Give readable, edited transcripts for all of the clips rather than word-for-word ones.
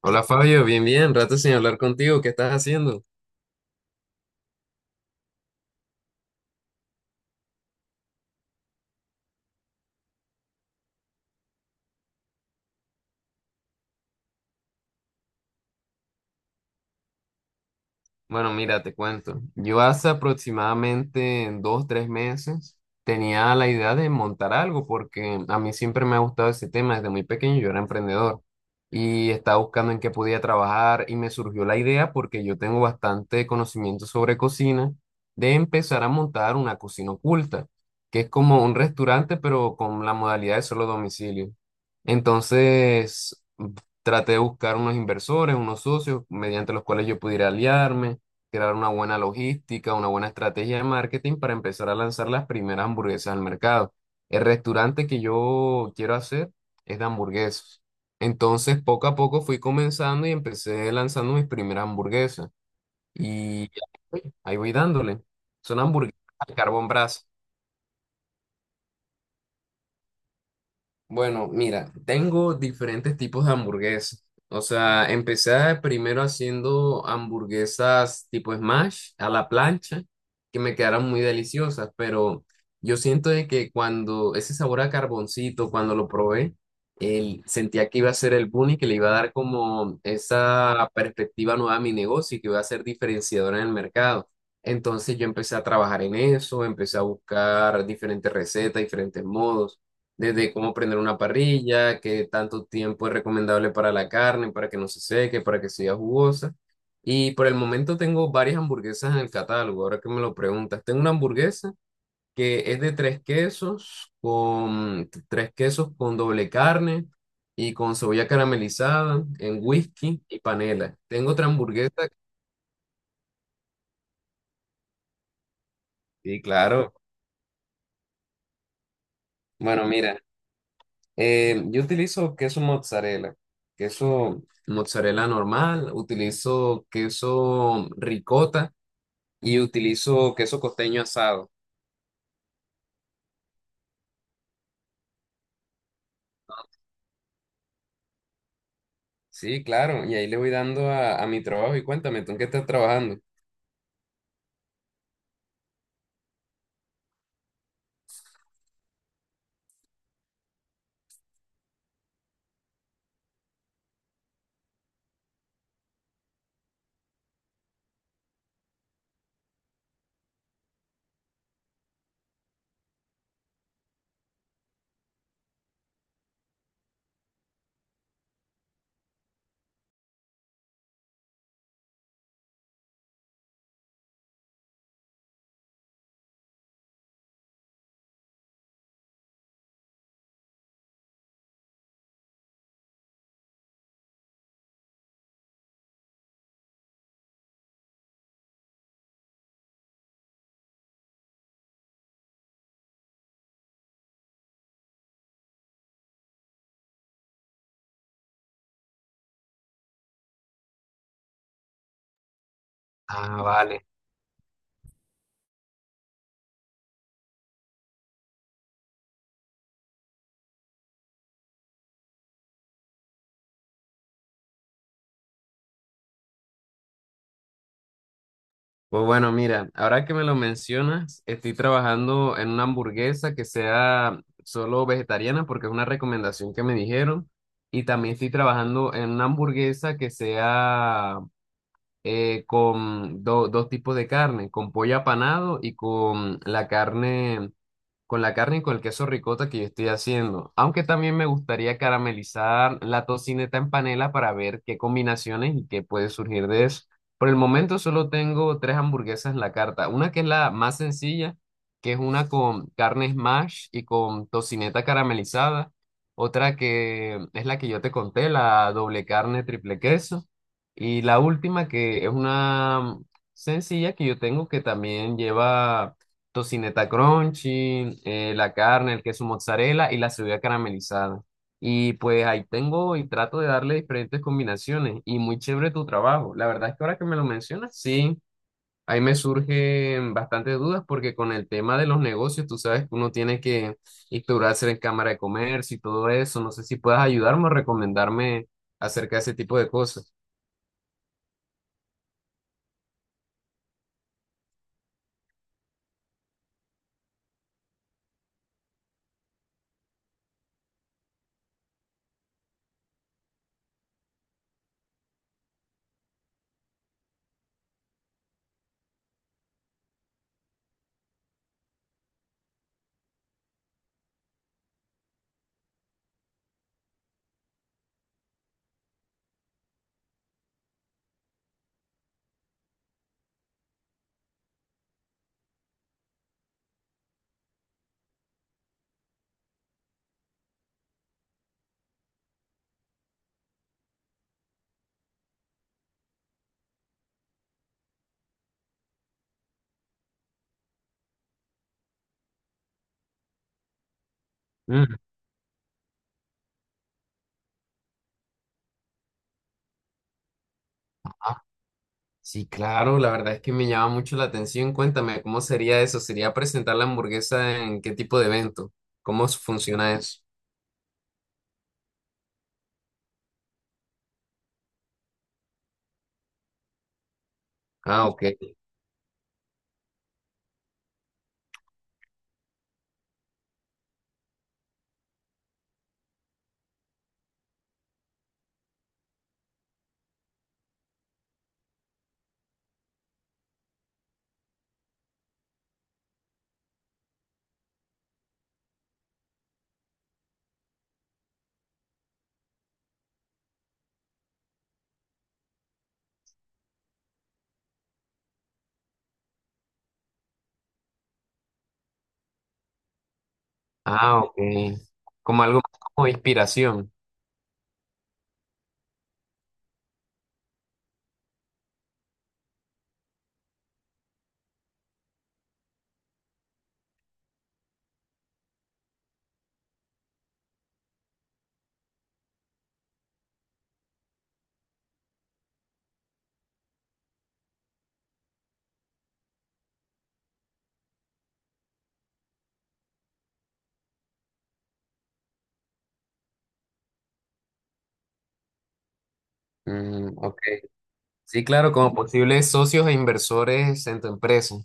Hola Fabio, bien, bien, rato sin hablar contigo, ¿qué estás haciendo? Bueno, mira, te cuento. Yo hace aproximadamente 2, 3 meses tenía la idea de montar algo porque a mí siempre me ha gustado ese tema desde muy pequeño. Yo era emprendedor y estaba buscando en qué podía trabajar y me surgió la idea porque yo tengo bastante conocimiento sobre cocina de empezar a montar una cocina oculta, que es como un restaurante pero con la modalidad de solo domicilio. Entonces, traté de buscar unos inversores, unos socios mediante los cuales yo pudiera aliarme crear una buena logística, una buena estrategia de marketing para empezar a lanzar las primeras hamburguesas al mercado. El restaurante que yo quiero hacer es de hamburguesas. Entonces, poco a poco fui comenzando y empecé lanzando mis primeras hamburguesas. Y ahí voy dándole. Son hamburguesas al carbón brasa. Bueno, mira, tengo diferentes tipos de hamburguesas. O sea, empecé primero haciendo hamburguesas tipo smash a la plancha, que me quedaron muy deliciosas, pero yo siento de que cuando ese sabor a carboncito, cuando lo probé, sentía que iba a ser el boom y que le iba a dar como esa perspectiva nueva a mi negocio y que iba a ser diferenciadora en el mercado. Entonces yo empecé a trabajar en eso, empecé a buscar diferentes recetas, diferentes modos desde cómo prender una parrilla, qué tanto tiempo es recomendable para la carne, para que no se seque, para que sea jugosa. Y por el momento tengo varias hamburguesas en el catálogo, ahora que me lo preguntas. Tengo una hamburguesa que es de tres quesos con doble carne y con cebolla caramelizada en whisky y panela. Tengo otra hamburguesa. Sí, claro. Bueno, mira. Yo utilizo queso mozzarella normal, utilizo queso ricota y utilizo queso costeño asado. Sí, claro, y ahí le voy dando a mi trabajo y cuéntame, ¿tú en qué estás trabajando? Ah, vale. Pues bueno, mira, ahora que me lo mencionas, estoy trabajando en una hamburguesa que sea solo vegetariana porque es una recomendación que me dijeron. Y también estoy trabajando en una hamburguesa que sea con dos tipos de carne, con pollo apanado y con la carne y con el queso ricota que yo estoy haciendo. Aunque también me gustaría caramelizar la tocineta en panela para ver qué combinaciones y qué puede surgir de eso. Por el momento solo tengo 3 hamburguesas en la carta. Una que es la más sencilla, que es una con carne smash y con tocineta caramelizada. Otra que es la que yo te conté, la doble carne, triple queso. Y la última que es una sencilla que yo tengo que también lleva tocineta crunchy, la carne, el queso mozzarella y la cebolla caramelizada. Y pues ahí tengo y trato de darle diferentes combinaciones y muy chévere tu trabajo. La verdad es que ahora que me lo mencionas, sí, ahí me surgen bastantes dudas porque con el tema de los negocios, tú sabes que uno tiene que instaurarse en Cámara de Comercio y todo eso. No sé si puedas ayudarme o recomendarme acerca de ese tipo de cosas. Mm. Sí, claro, la verdad es que me llama mucho la atención. Cuéntame, ¿cómo sería eso? ¿Sería presentar la hamburguesa en qué tipo de evento? ¿Cómo funciona eso? Ah, ok. Ah, ok. Como algo más como inspiración. Mm, ok. Sí, claro, como posibles socios e inversores en tu empresa.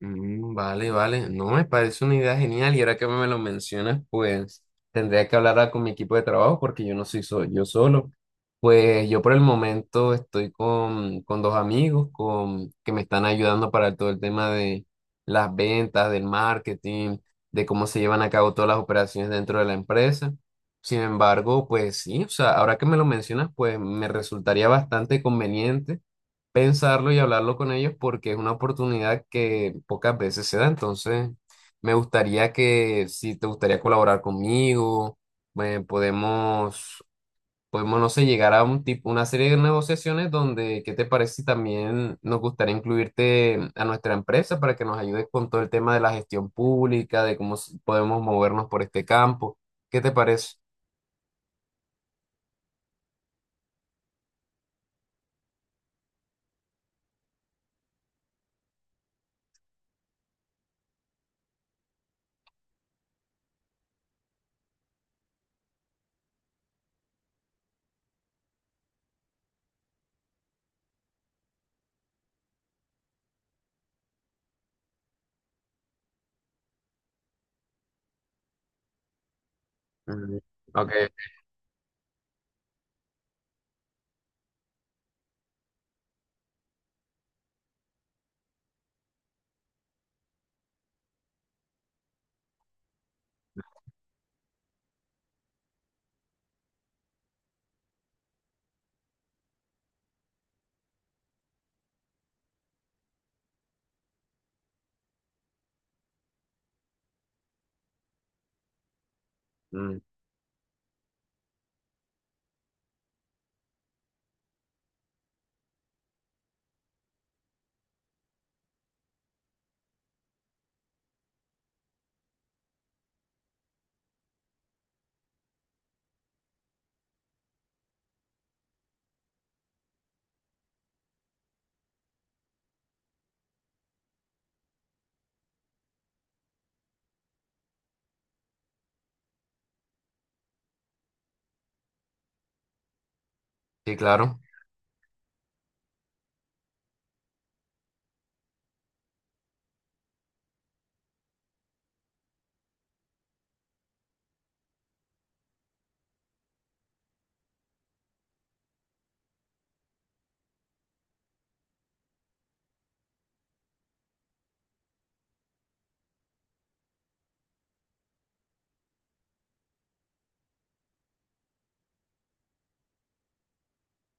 Mm, vale, vale. No, me parece una idea genial y ahora que me lo mencionas, pues tendría que hablar con mi equipo de trabajo porque yo no soy yo solo. Pues yo por el momento estoy con dos amigos que me están ayudando para todo el tema de las ventas, del marketing, de cómo se llevan a cabo todas las operaciones dentro de la empresa. Sin embargo, pues sí, o sea, ahora que me lo mencionas, pues me resultaría bastante conveniente pensarlo y hablarlo con ellos porque es una oportunidad que pocas veces se da. Entonces, me gustaría que, si te gustaría colaborar conmigo, eh, podemos, podemos, no sé, llegar a un tipo, una serie de negociaciones donde, ¿qué te parece si también nos gustaría incluirte a nuestra empresa para que nos ayudes con todo el tema de la gestión pública, de cómo podemos movernos por este campo? ¿Qué te parece? Mm, ok. Mm, sí, claro.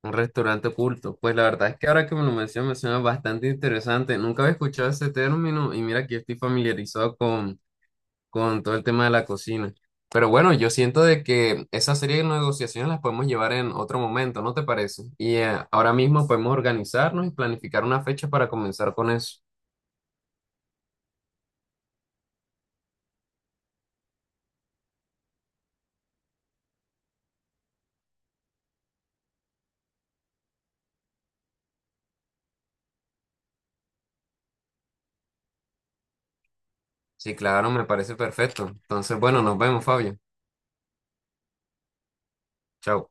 Un restaurante oculto. Pues la verdad es que ahora que me lo mencionas, me suena bastante interesante. Nunca había escuchado ese término y mira que yo estoy familiarizado con todo el tema de la cocina. Pero bueno, yo siento de que esa serie de negociaciones las podemos llevar en otro momento, ¿no te parece? Y ahora mismo podemos organizarnos y planificar una fecha para comenzar con eso. Sí, claro, me parece perfecto. Entonces, bueno, nos vemos, Fabio. Chao.